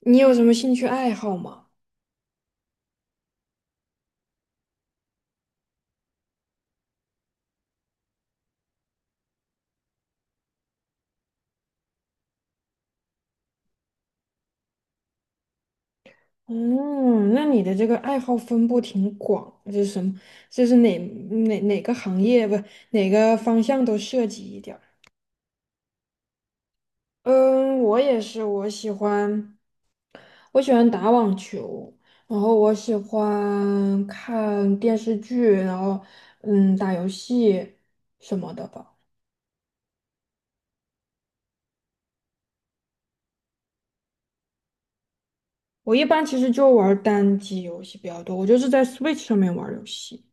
你有什么兴趣爱好吗？嗯，那你的这个爱好分布挺广，就是什么，就是哪哪个行业不，哪个方向都涉及一点儿。嗯，我也是，我喜欢打网球，然后我喜欢看电视剧，然后打游戏什么的吧。我一般其实就玩儿单机游戏比较多，我就是在 Switch 上面玩儿游戏。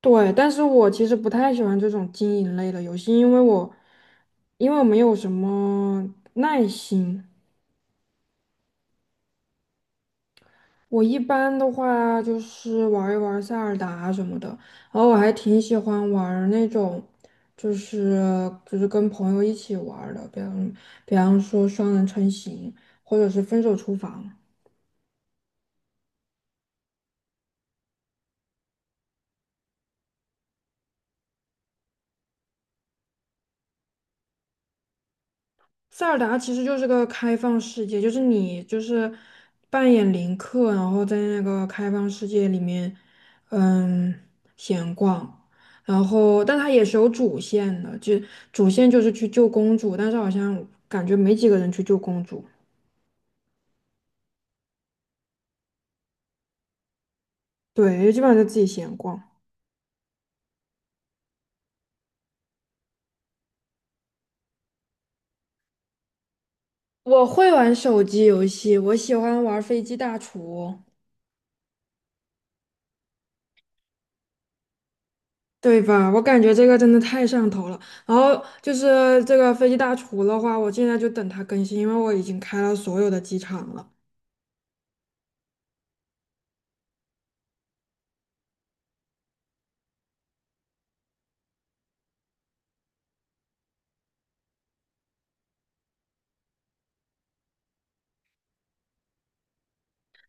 对，但是我其实不太喜欢这种经营类的游戏，因为我没有什么耐心。我一般的话就是玩一玩塞尔达什么的，然后我还挺喜欢玩儿那种，就是就是跟朋友一起玩儿的，比方说双人成行，或者是分手厨房。塞尔达其实就是个开放世界，就是你扮演林克，然后在那个开放世界里面，嗯，闲逛。然后，但它也是有主线的，主线就是去救公主，但是好像感觉没几个人去救公主。对，基本上就自己闲逛。我会玩手机游戏，我喜欢玩《飞机大厨》。对吧？我感觉这个真的太上头了。然后就是这个飞机大厨的话，我现在就等它更新，因为我已经开了所有的机场了。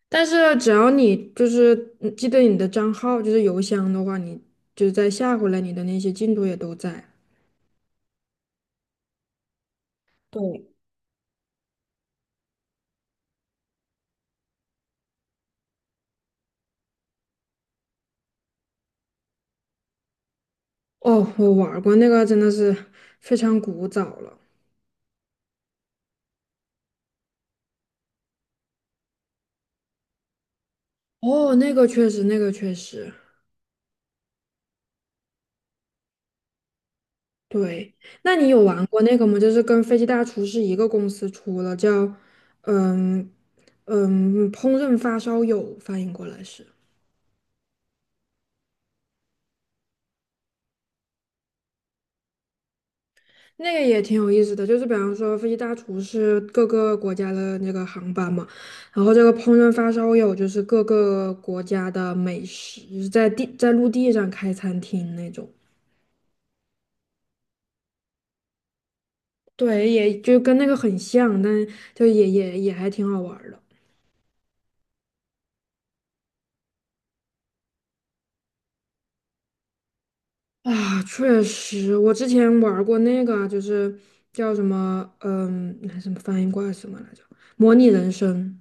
但是只要你记得你的账号，就是邮箱的话，你就再下回来，你的那些进度也都在。对，哦，我玩儿过那个，真的是非常古早了。哦，那个确实，那个确实。对，那你有玩过那个吗？就是跟《飞机大厨是一个公司出的，叫嗯“烹饪发烧友"，翻译过来是那个也挺有意思的。就是比方说，《飞机大厨是各个国家的那个航班嘛，然后这个"烹饪发烧友"就是各个国家的美食，就是在陆地上开餐厅那种。对，也就跟那个很像，但就也也也还挺好玩儿的。啊，确实，我之前玩儿过那个就是叫什么，那什么翻译过来什么来着？模拟人生。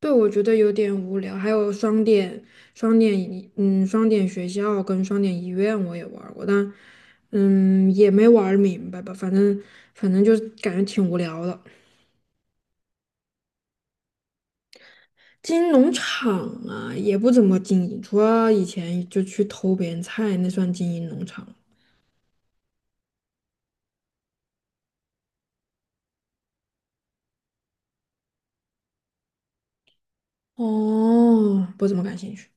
对，我觉得有点无聊。还有双点学校跟双点医院我也玩儿过，也没玩儿明白吧，反正就是感觉挺无聊的。经营农场也不怎么经营，除了以前就去偷别人菜，那算经营农场。哦，不怎么感兴趣。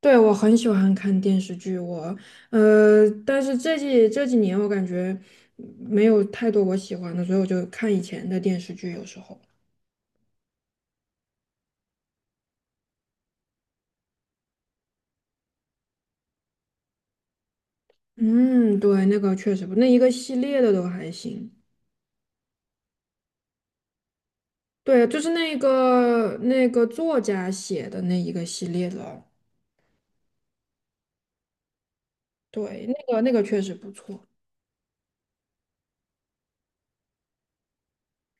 对，我很喜欢看电视剧，但是这几年我感觉没有太多我喜欢的，所以我就看以前的电视剧，有时候。嗯，对，那个确实不，那一个系列的都还行。对，就是那个作家写的那一个系列的，对，那个确实不错。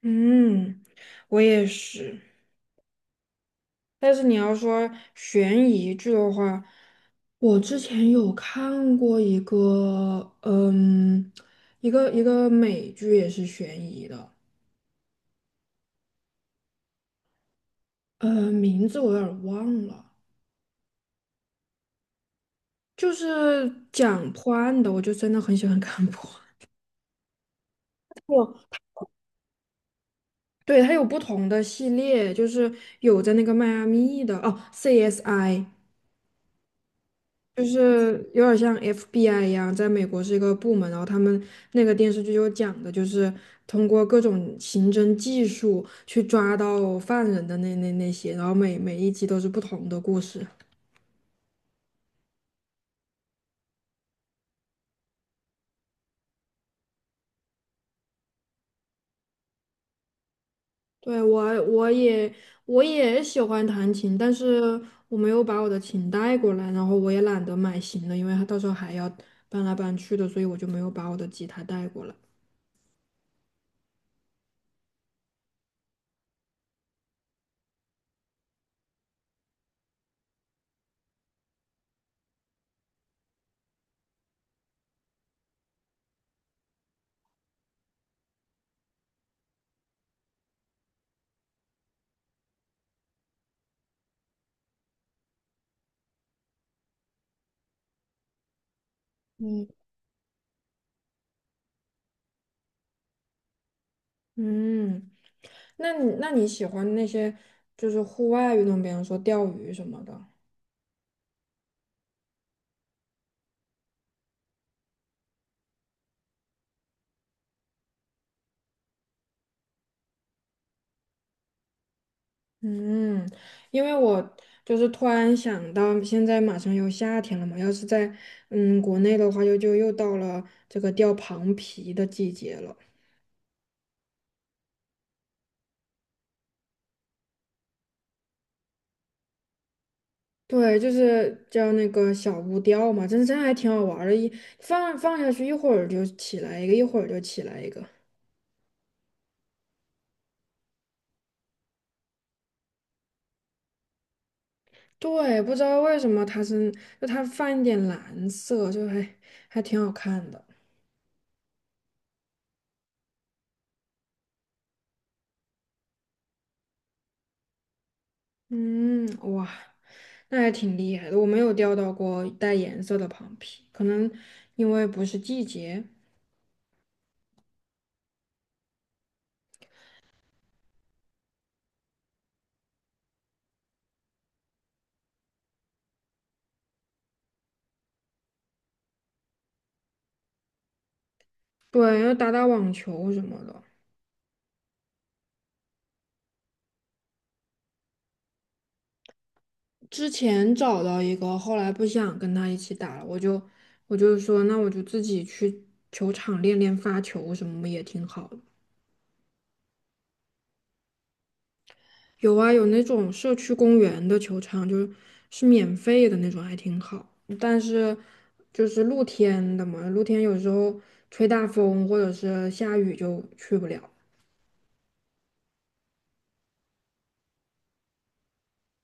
嗯，我也是。但是你要说悬疑剧的话，我之前有看过一个，一个美剧也是悬疑的，名字我有点儿忘了，就是讲破案的，我就真的很喜欢看破案。哦，对，它有不同的系列，就是有在那个迈阿密的，哦，CSI。就是有点像 FBI 一样，在美国是一个部门，然后他们那个电视剧就讲的就是通过各种刑侦技术去抓到犯人的那些，然后每一集都是不同的故事。对，我也喜欢弹琴，但是我没有把我的琴带过来，然后我也懒得买新的，因为它到时候还要搬来搬去的，所以我就没有把我的吉他带过来。嗯。那你喜欢那些就是户外运动，比方说钓鱼什么的？嗯，因为我就是突然想到，现在马上又夏天了嘛，要是在国内的话就又到了这个钓螃蜍的季节了。对，就是叫那个小乌钓嘛，真还挺好玩儿的，一放下去一会儿就起来一个，一会儿就起来一个。对，不知道为什么它是，就它泛一点蓝色，还挺好看的。嗯，哇。那还挺厉害的，我没有钓到过带颜色的螃蟹，可能因为不是季节。对，要打打网球什么的。之前找到一个，后来不想跟他一起打了，我就说，那我就自己去球场练练发球什么也挺好的。有啊，有那种社区公园的球场，就是是免费的那种，还挺好。但是就是露天的嘛，露天有时候吹大风或者是下雨就去不了。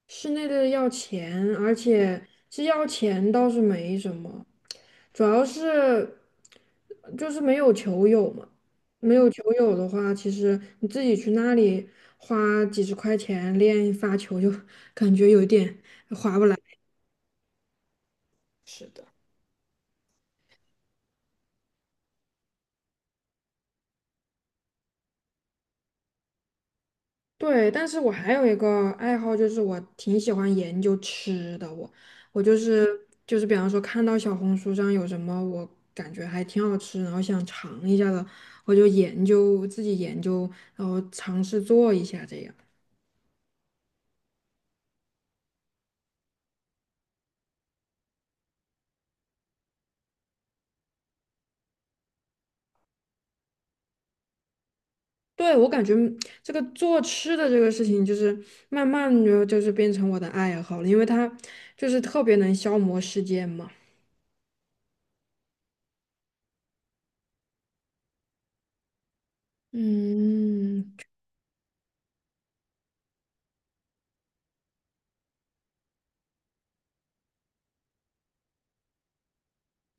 室内的要钱，而且其实要钱倒是没什么，主要是就是没有球友嘛。没有球友的话，其实你自己去那里花几十块钱练发球，就 感觉有点划不来。是的。对，但是我还有一个爱好，就是我挺喜欢研究吃的。我我就是就是，比方说看到小红书上有什么我感觉还挺好吃，然后想尝一下的，我就研究自己研究，然后尝试做一下这样。对，我感觉这个做吃的这个事情，就是慢慢的就是变成我的爱好了，因为它就是特别能消磨时间嘛。嗯，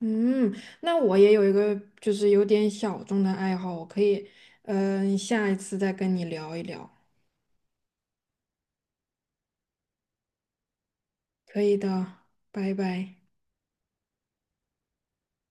嗯，那我也有一个就是有点小众的爱好，我可以，下一次再跟你聊一聊。可以的，拜拜。